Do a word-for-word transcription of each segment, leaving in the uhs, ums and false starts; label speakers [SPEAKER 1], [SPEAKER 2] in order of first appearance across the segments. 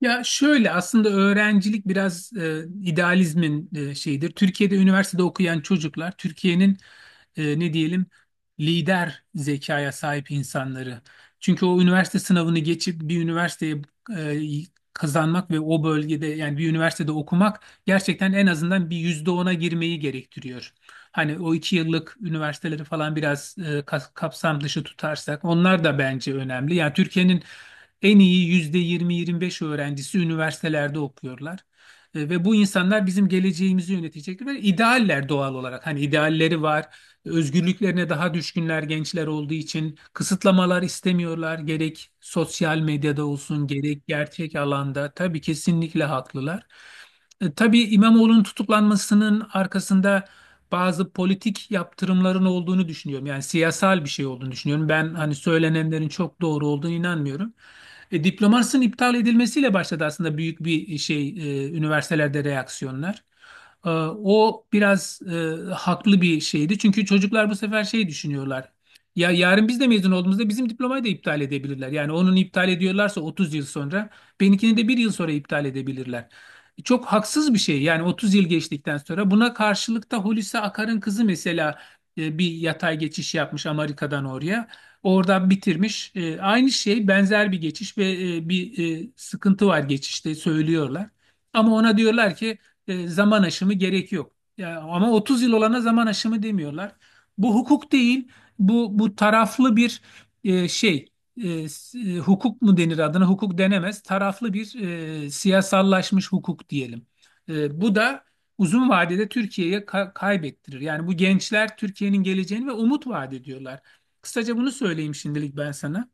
[SPEAKER 1] Ya şöyle aslında öğrencilik biraz e, idealizmin e, şeyidir. Türkiye'de üniversitede okuyan çocuklar Türkiye'nin e, ne diyelim lider zekaya sahip insanları. Çünkü o üniversite sınavını geçip bir üniversiteye e, kazanmak ve o bölgede yani bir üniversitede okumak gerçekten en azından bir yüzde ona girmeyi gerektiriyor. Hani o iki yıllık üniversiteleri falan biraz e, kas- kapsam dışı tutarsak onlar da bence önemli. Yani Türkiye'nin en iyi yüzde yirmi yirmi beş öğrencisi üniversitelerde okuyorlar. E, Ve bu insanlar bizim geleceğimizi yönetecekler ve idealler doğal olarak. Hani idealleri var, özgürlüklerine daha düşkünler gençler olduğu için kısıtlamalar istemiyorlar. Gerek sosyal medyada olsun, gerek gerçek alanda. Tabii kesinlikle haklılar. E, Tabii İmamoğlu'nun tutuklanmasının arkasında bazı politik yaptırımların olduğunu düşünüyorum. Yani siyasal bir şey olduğunu düşünüyorum. Ben hani söylenenlerin çok doğru olduğunu inanmıyorum. E, diplomasının iptal edilmesiyle başladı aslında büyük bir şey e, üniversitelerde reaksiyonlar. E, o biraz e, haklı bir şeydi. Çünkü çocuklar bu sefer şey düşünüyorlar. Ya yarın biz de mezun olduğumuzda bizim diplomayı da iptal edebilirler. Yani onun iptal ediyorlarsa otuz yıl sonra benimkini de bir yıl sonra iptal edebilirler. Çok haksız bir şey yani otuz yıl geçtikten sonra. Buna karşılık da Hulusi Akar'ın kızı mesela e, bir yatay geçiş yapmış Amerika'dan oraya. Oradan bitirmiş. E, aynı şey benzer bir geçiş ve e, bir e, sıkıntı var geçişte söylüyorlar. Ama ona diyorlar ki e, zaman aşımı gerek yok. Ya, ama otuz yıl olana zaman aşımı demiyorlar. Bu hukuk değil. Bu bu taraflı bir e, şey. E, s- e, hukuk mu denir adına? Hukuk denemez. Taraflı bir e, siyasallaşmış hukuk diyelim. E, bu da uzun vadede Türkiye'ye ka- kaybettirir. Yani bu gençler Türkiye'nin geleceğini ve umut vaat ediyorlar. Kısaca bunu söyleyeyim şimdilik ben sana.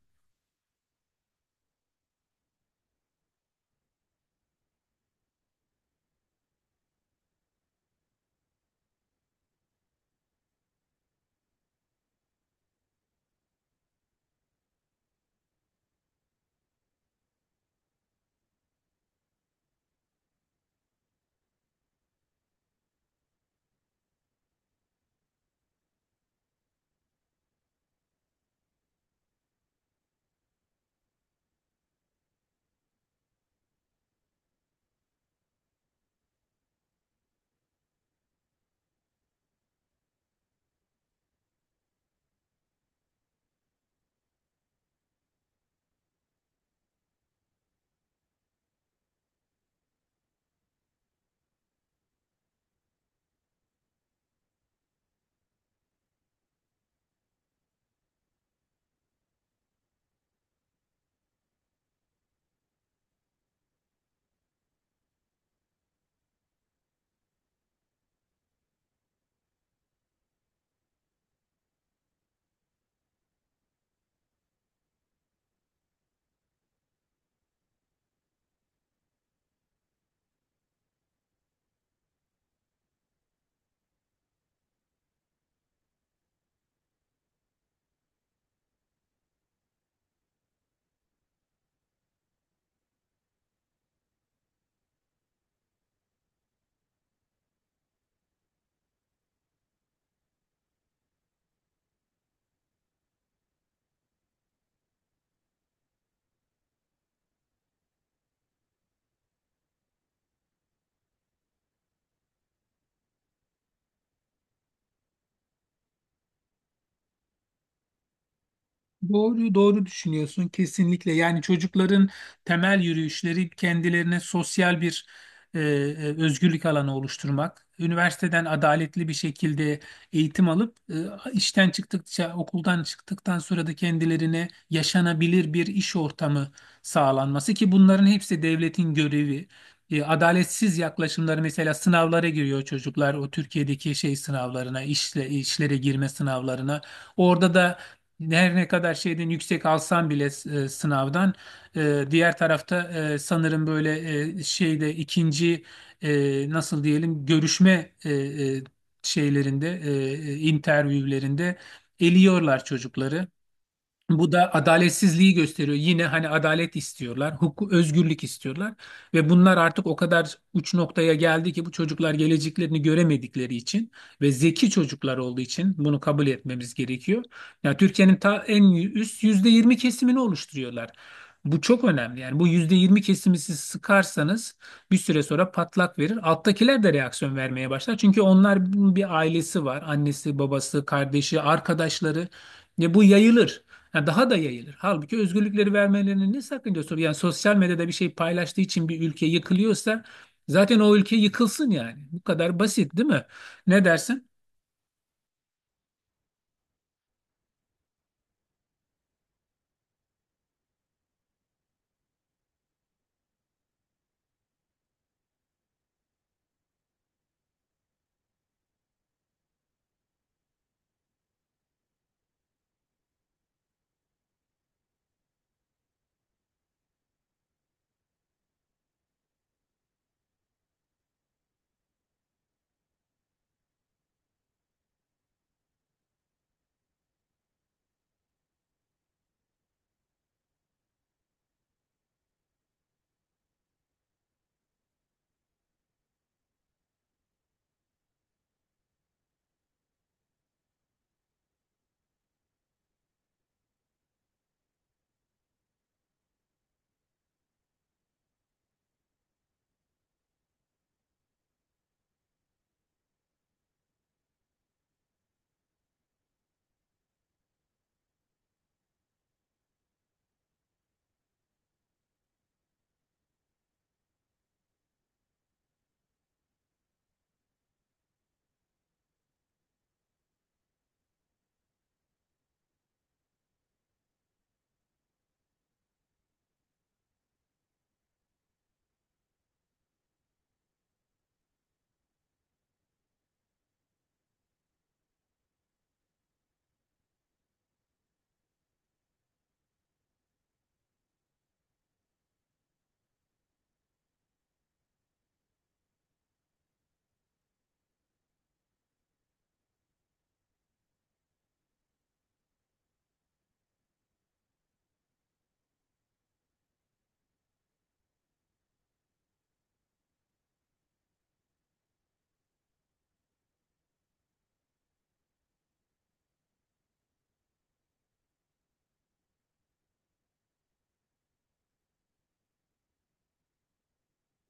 [SPEAKER 1] Doğru, doğru düşünüyorsun kesinlikle. Yani çocukların temel yürüyüşleri kendilerine sosyal bir e, e, özgürlük alanı oluşturmak. Üniversiteden adaletli bir şekilde eğitim alıp e, işten çıktıkça, okuldan çıktıktan sonra da kendilerine yaşanabilir bir iş ortamı sağlanması ki bunların hepsi devletin görevi. E, adaletsiz yaklaşımları mesela sınavlara giriyor çocuklar o Türkiye'deki şey sınavlarına, işle, işlere girme sınavlarına. Orada da her ne kadar şeyden yüksek alsan bile e, sınavdan e, diğer tarafta e, sanırım böyle e, şeyde ikinci e, nasıl diyelim görüşme e, e, şeylerinde e, e, interviewlerinde eliyorlar çocukları. Bu da adaletsizliği gösteriyor. Yine hani adalet istiyorlar, hukuk, özgürlük istiyorlar ve bunlar artık o kadar uç noktaya geldi ki bu çocuklar geleceklerini göremedikleri için ve zeki çocuklar olduğu için bunu kabul etmemiz gerekiyor. Yani Türkiye'nin ta en üst yüzde yirmi kesimini oluşturuyorlar. Bu çok önemli. Yani bu yüzde yirmi kesimi siz sıkarsanız bir süre sonra patlak verir. Alttakiler de reaksiyon vermeye başlar. Çünkü onlar bir ailesi var. Annesi, babası, kardeşi, arkadaşları. Ya bu yayılır. Ha, daha da yayılır. Halbuki özgürlükleri vermelerinin ne sakıncası olur? Yani sosyal medyada bir şey paylaştığı için bir ülke yıkılıyorsa zaten o ülke yıkılsın yani. Bu kadar basit değil mi? Ne dersin?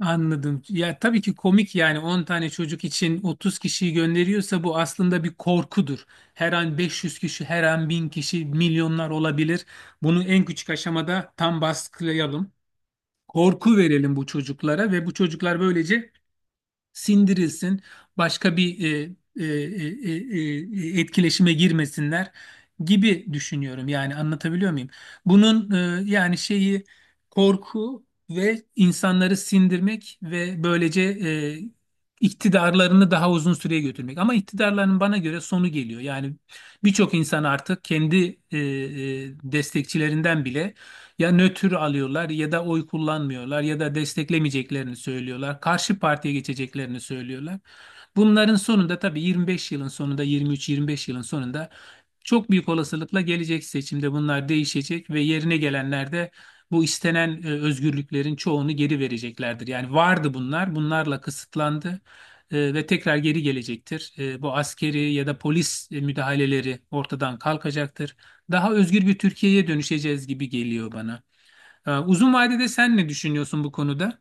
[SPEAKER 1] Anladım. Ya tabii ki komik yani on tane çocuk için otuz kişiyi gönderiyorsa bu aslında bir korkudur. Her an beş yüz kişi, her an bin kişi, milyonlar olabilir. Bunu en küçük aşamada tam baskılayalım. Korku verelim bu çocuklara ve bu çocuklar böylece sindirilsin, başka bir e, e, e, e, e, e, etkileşime girmesinler gibi düşünüyorum. Yani anlatabiliyor muyum? Bunun e, yani şeyi korku ve insanları sindirmek ve böylece e, iktidarlarını daha uzun süreye götürmek. Ama iktidarların bana göre sonu geliyor. Yani birçok insan artık kendi e, e, destekçilerinden bile ya nötr alıyorlar ya da oy kullanmıyorlar ya da desteklemeyeceklerini söylüyorlar. Karşı partiye geçeceklerini söylüyorlar. Bunların sonunda tabii yirmi beş yılın sonunda yirmi üçten yirmi beşe yılın sonunda çok büyük olasılıkla gelecek seçimde bunlar değişecek ve yerine gelenler de bu istenen e, özgürlüklerin çoğunu geri vereceklerdir. Yani vardı bunlar, bunlarla kısıtlandı e, ve tekrar geri gelecektir. E, Bu askeri ya da polis e, müdahaleleri ortadan kalkacaktır, daha özgür bir Türkiye'ye dönüşeceğiz gibi geliyor bana. Ee, Uzun vadede sen ne düşünüyorsun bu konuda?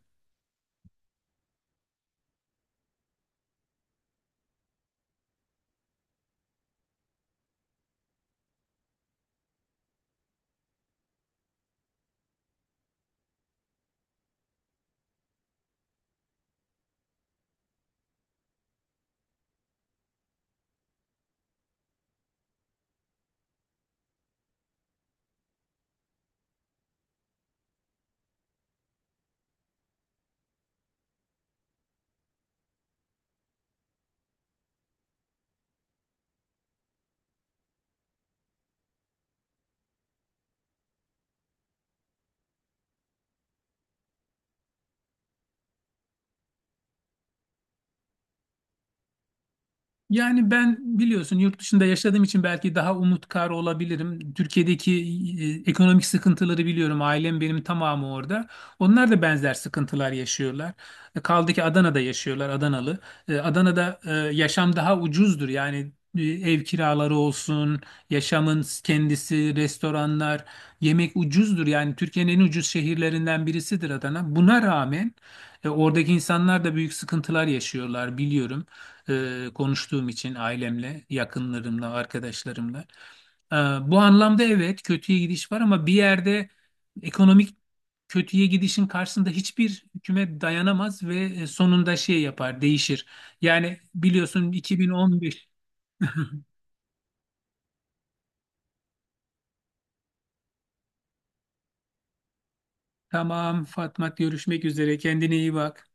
[SPEAKER 1] Yani ben biliyorsun yurt dışında yaşadığım için belki daha umutkar olabilirim. Türkiye'deki e, ekonomik sıkıntıları biliyorum. Ailem benim tamamı orada. Onlar da benzer sıkıntılar yaşıyorlar. E, Kaldı ki Adana'da yaşıyorlar, Adanalı. E, Adana'da e, yaşam daha ucuzdur. Yani e, ev kiraları olsun, yaşamın kendisi, restoranlar, yemek ucuzdur. Yani Türkiye'nin en ucuz şehirlerinden birisidir Adana. Buna rağmen e, oradaki insanlar da büyük sıkıntılar yaşıyorlar biliyorum e, konuştuğum için ailemle, yakınlarımla, arkadaşlarımla. E, Bu anlamda evet kötüye gidiş var ama bir yerde ekonomik kötüye gidişin karşısında hiçbir hükümet dayanamaz ve e, sonunda şey yapar, değişir. Yani biliyorsun iki bin on beş tamam Fatma, görüşmek üzere, kendine iyi bak.